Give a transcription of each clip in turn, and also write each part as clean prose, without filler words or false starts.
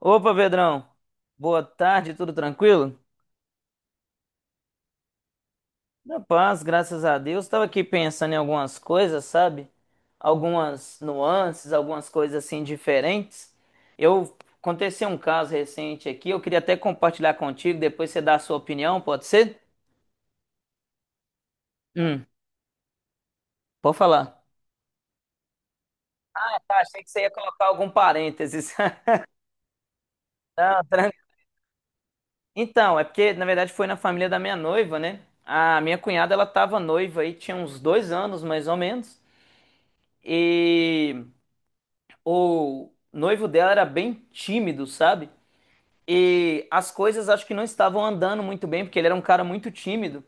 Opa, Pedrão. Boa tarde, tudo tranquilo? Na paz, graças a Deus. Estava aqui pensando em algumas coisas, sabe? Algumas nuances, algumas coisas assim diferentes. Eu Aconteceu um caso recente aqui, eu queria até compartilhar contigo, depois você dá a sua opinião, pode ser? Hum, Pode falar. Ah, tá, achei que você ia colocar algum parênteses. Não, então, é porque na verdade foi na família da minha noiva, né? A minha cunhada ela tava noiva aí, tinha uns 2 anos mais ou menos. E o noivo dela era bem tímido, sabe? E as coisas acho que não estavam andando muito bem, porque ele era um cara muito tímido.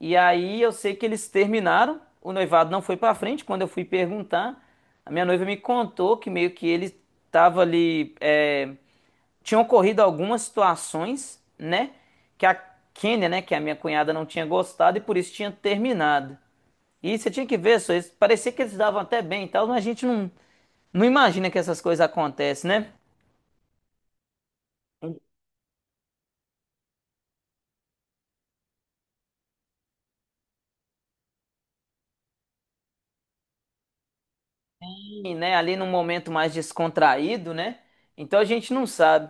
E aí eu sei que eles terminaram, o noivado não foi pra frente. Quando eu fui perguntar, a minha noiva me contou que meio que ele estava ali, tinham ocorrido algumas situações, né, que a Kênia, né, que a minha cunhada não tinha gostado e por isso tinha terminado. E você tinha que ver, só isso, parecia que eles davam até bem e tal, mas a gente não imagina que essas coisas acontecem, né? E, né, ali num momento mais descontraído, né? Então a gente não sabe.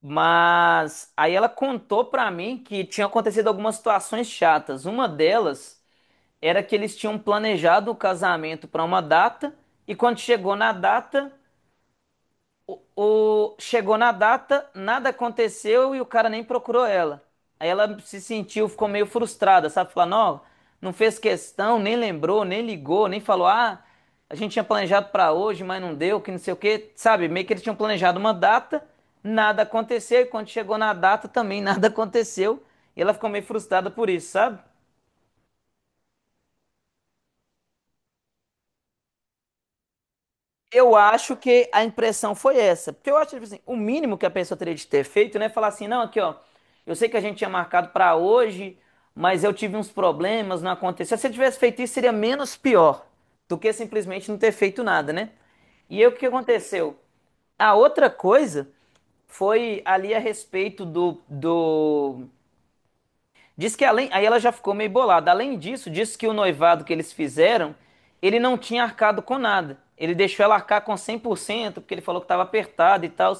Mas aí ela contou pra mim que tinha acontecido algumas situações chatas. Uma delas era que eles tinham planejado o casamento pra uma data e quando chegou na data, chegou na data, nada aconteceu e o cara nem procurou ela. Aí ela se sentiu, ficou meio frustrada, sabe? Falando, ó, não fez questão, nem lembrou, nem ligou, nem falou, ah, a gente tinha planejado pra hoje, mas não deu, que não sei o quê, sabe? Meio que eles tinham planejado uma data, nada aconteceu e quando chegou na data também nada aconteceu e ela ficou meio frustrada por isso, sabe? Eu acho que a impressão foi essa. Porque eu acho, tipo assim, o mínimo que a pessoa teria de ter feito, né? Falar assim, não, aqui, ó, eu sei que a gente tinha marcado pra hoje, mas eu tive uns problemas, não aconteceu. Se você tivesse feito isso, seria menos pior do que simplesmente não ter feito nada, né? E aí, o que aconteceu? A outra coisa foi ali a respeito do diz que além, aí ela já ficou meio bolada. Além disso, diz que o noivado que eles fizeram, ele não tinha arcado com nada. Ele deixou ela arcar com 100% porque ele falou que estava apertado e tal.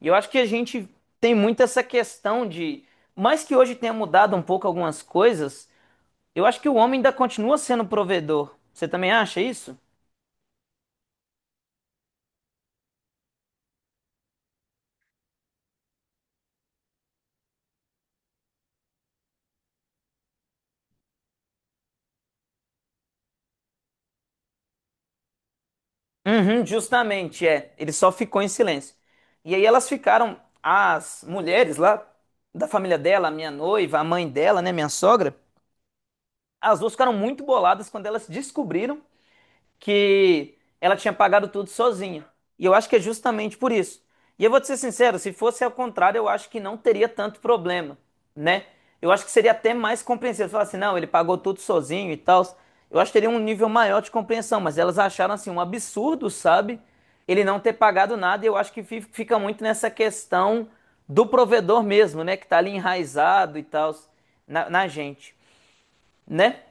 E eu acho que a gente tem muito essa questão de, mais que hoje tenha mudado um pouco algumas coisas, eu acho que o homem ainda continua sendo provedor. Você também acha isso? Uhum, justamente, é. Ele só ficou em silêncio. E aí elas ficaram, as mulheres lá da família dela, a minha noiva, a mãe dela, né, minha sogra, as duas ficaram muito boladas quando elas descobriram que ela tinha pagado tudo sozinha. E eu acho que é justamente por isso. E eu vou te ser sincero, se fosse ao contrário, eu acho que não teria tanto problema, né? Eu acho que seria até mais compreensível. Falar assim, não, ele pagou tudo sozinho e tal. Eu acho que teria um nível maior de compreensão, mas elas acharam assim um absurdo, sabe? Ele não ter pagado nada, e eu acho que fica muito nessa questão do provedor mesmo, né? Que tá ali enraizado e tal na gente, né?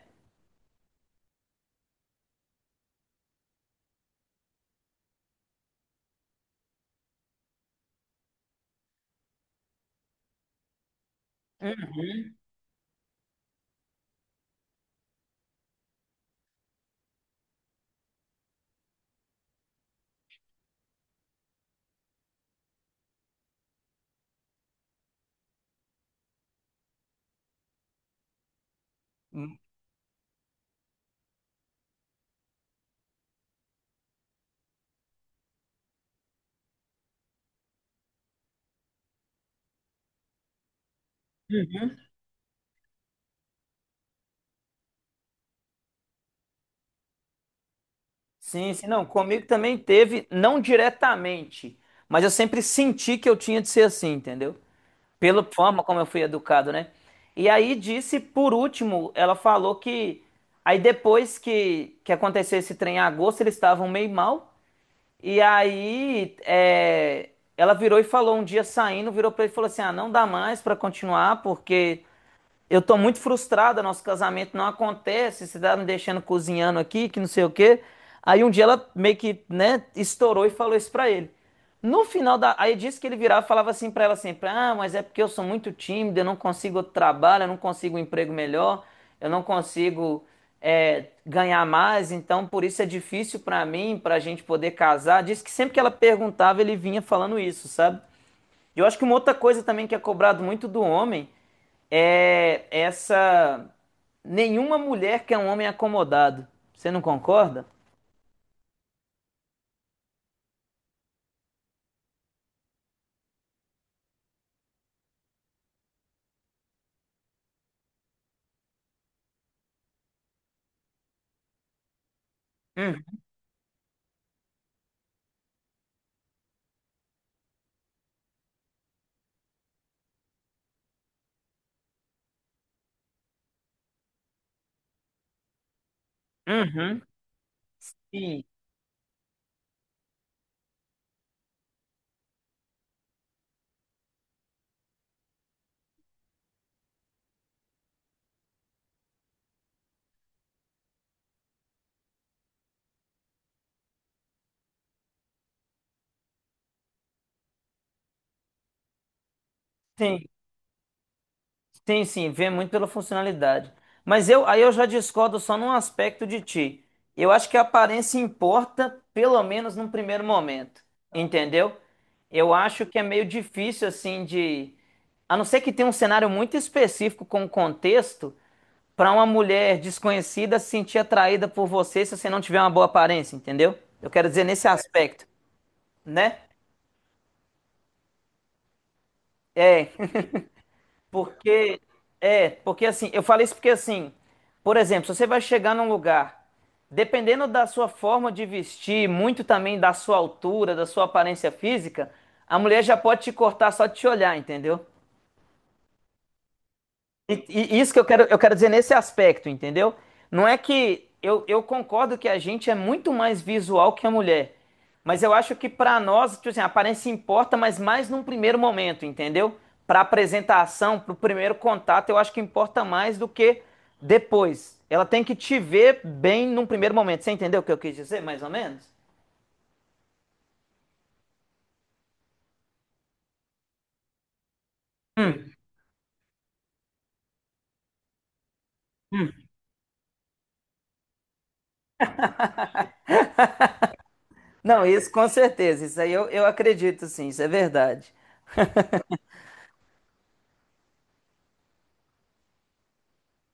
Sim, sim, não, comigo também teve, não diretamente, mas eu sempre senti que eu tinha de ser assim, entendeu? Pela forma como eu fui educado, né? E aí disse, por último, ela falou que aí depois que aconteceu esse trem em agosto, eles estavam meio mal, e aí ela virou e falou um dia saindo, virou pra ele e falou assim: ah, não dá mais pra continuar, porque eu tô muito frustrada, nosso casamento não acontece, você tá me deixando cozinhando aqui, que não sei o quê. Aí um dia ela meio que, né, estourou e falou isso pra ele. No final da. Aí disse que ele virava e falava assim pra ela sempre: ah, mas é porque eu sou muito tímido, eu não consigo outro trabalho, eu não consigo um emprego melhor, eu não consigo ganhar mais, então por isso é difícil pra mim, pra gente poder casar. Disse que sempre que ela perguntava, ele vinha falando isso, sabe? Eu acho que uma outra coisa também que é cobrado muito do homem é essa. Nenhuma mulher quer um homem acomodado. Você não concorda? Hum. Uhum. Sim, sim, sim, sim, vê muito pela funcionalidade. Mas eu, aí eu já discordo só num aspecto de ti. Eu acho que a aparência importa, pelo menos num primeiro momento, entendeu? Eu acho que é meio difícil assim de, a não ser que tenha um cenário muito específico com contexto, para uma mulher desconhecida se sentir atraída por você se você não tiver uma boa aparência, entendeu? Eu quero dizer nesse aspecto, né? É, porque porque assim, eu falei isso porque assim, por exemplo, se você vai chegar num lugar, dependendo da sua forma de vestir, muito também da sua altura, da sua aparência física, a mulher já pode te cortar só de te olhar, entendeu? E isso que eu quero, dizer nesse aspecto, entendeu? Não é que eu concordo que a gente é muito mais visual que a mulher, mas eu acho que pra nós, tipo assim, a aparência importa, mas mais num primeiro momento, entendeu? Pra apresentação, pro primeiro contato, eu acho que importa mais do que depois. Ela tem que te ver bem num primeiro momento. Você entendeu o que eu quis dizer, mais ou menos? Hum. Não, isso com certeza, isso aí eu acredito sim, isso é verdade.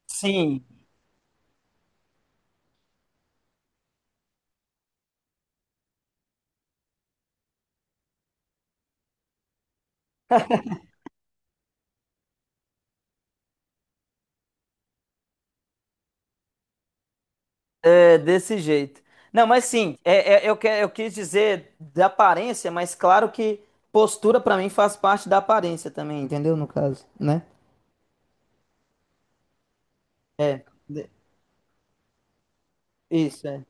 Sim. É, desse jeito. Não, mas sim, eu quis dizer da aparência, mas claro que postura pra mim faz parte da aparência também, entendeu? No caso, né? De- Isso, é.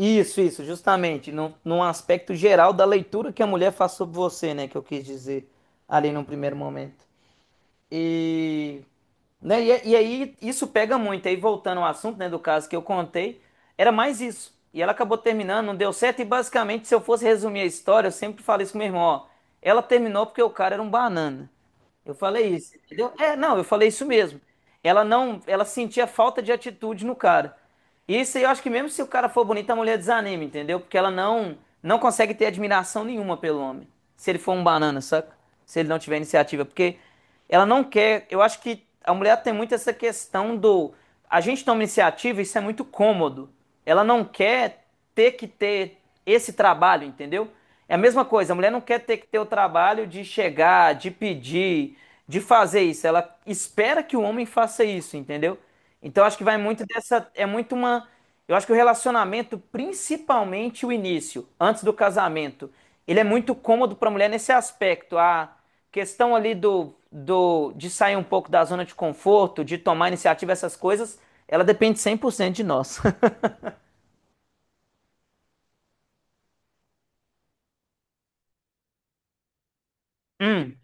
Isso, justamente, num aspecto geral da leitura que a mulher faz sobre você, né? Que eu quis dizer ali num primeiro momento. E, né, e aí isso pega muito. Aí voltando ao assunto, né, do caso que eu contei, era mais isso. E ela acabou terminando, não deu certo. E basicamente, se eu fosse resumir a história, eu sempre falei isso com meu irmão, ó, ela terminou porque o cara era um banana. Eu falei isso, entendeu? É, não, eu falei isso mesmo. Ela não, ela sentia falta de atitude no cara. E isso aí eu acho que mesmo se o cara for bonito, a mulher desanima, entendeu? Porque ela não consegue ter admiração nenhuma pelo homem. Se ele for um banana, saca? Se ele não tiver iniciativa, porque ela não quer. Eu acho que a mulher tem muito essa questão do. A gente toma iniciativa, isso é muito cômodo. Ela não quer ter que ter esse trabalho, entendeu? É a mesma coisa, a mulher não quer ter que ter o trabalho de chegar, de pedir, de fazer isso. Ela espera que o homem faça isso, entendeu? Então acho que vai muito dessa. É muito uma. Eu acho que o relacionamento, principalmente o início, antes do casamento, ele é muito cômodo para a mulher nesse aspecto. A questão ali do, do de sair um pouco da zona de conforto, de tomar iniciativa, essas coisas, ela depende 100% de nós. Hum.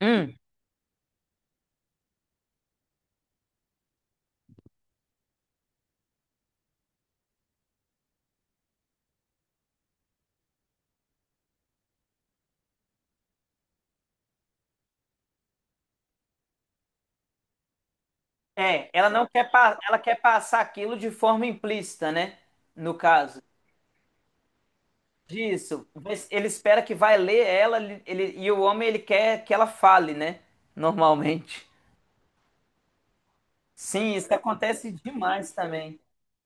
Hum. É, ela não quer, ela quer passar aquilo de forma implícita, né? No caso disso, mas ele espera que vai ler ela e o homem ele quer que ela fale, né? Normalmente. Sim, isso acontece demais também.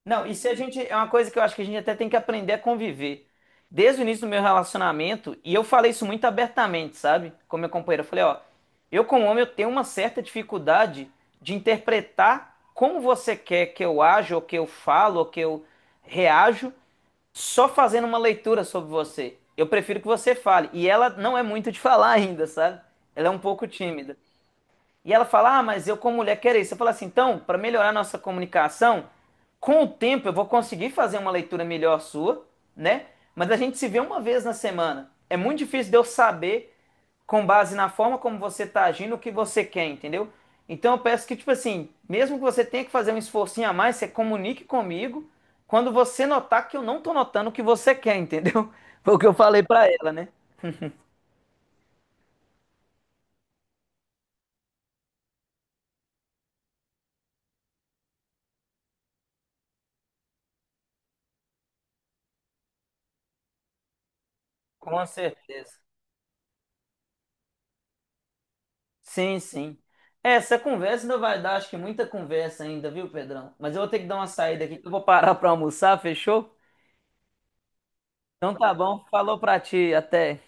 Não, isso a gente é uma coisa que eu acho que a gente até tem que aprender a conviver. Desde o início do meu relacionamento, e eu falei isso muito abertamente, sabe? Com meu companheiro, eu falei, ó, eu como homem eu tenho uma certa dificuldade de interpretar como você quer que eu aja, ou que eu falo, ou que eu reajo, só fazendo uma leitura sobre você. Eu prefiro que você fale. E ela não é muito de falar ainda, sabe? Ela é um pouco tímida. E ela fala: ah, mas eu como mulher quero isso. Eu falo assim: então, para melhorar nossa comunicação, com o tempo eu vou conseguir fazer uma leitura melhor sua, né? Mas a gente se vê uma vez na semana. É muito difícil de eu saber, com base na forma como você está agindo, o que você quer, entendeu? Então eu peço que, tipo assim, mesmo que você tenha que fazer um esforcinho a mais, você comunique comigo quando você notar que eu não estou notando o que você quer, entendeu? Foi o que eu falei para ela, né? Com certeza. Sim, sim. É, essa conversa ainda vai dar, acho que muita conversa ainda, viu, Pedrão? Mas eu vou ter que dar uma saída aqui, que eu vou parar para almoçar, fechou? Então tá bom, falou pra ti, até.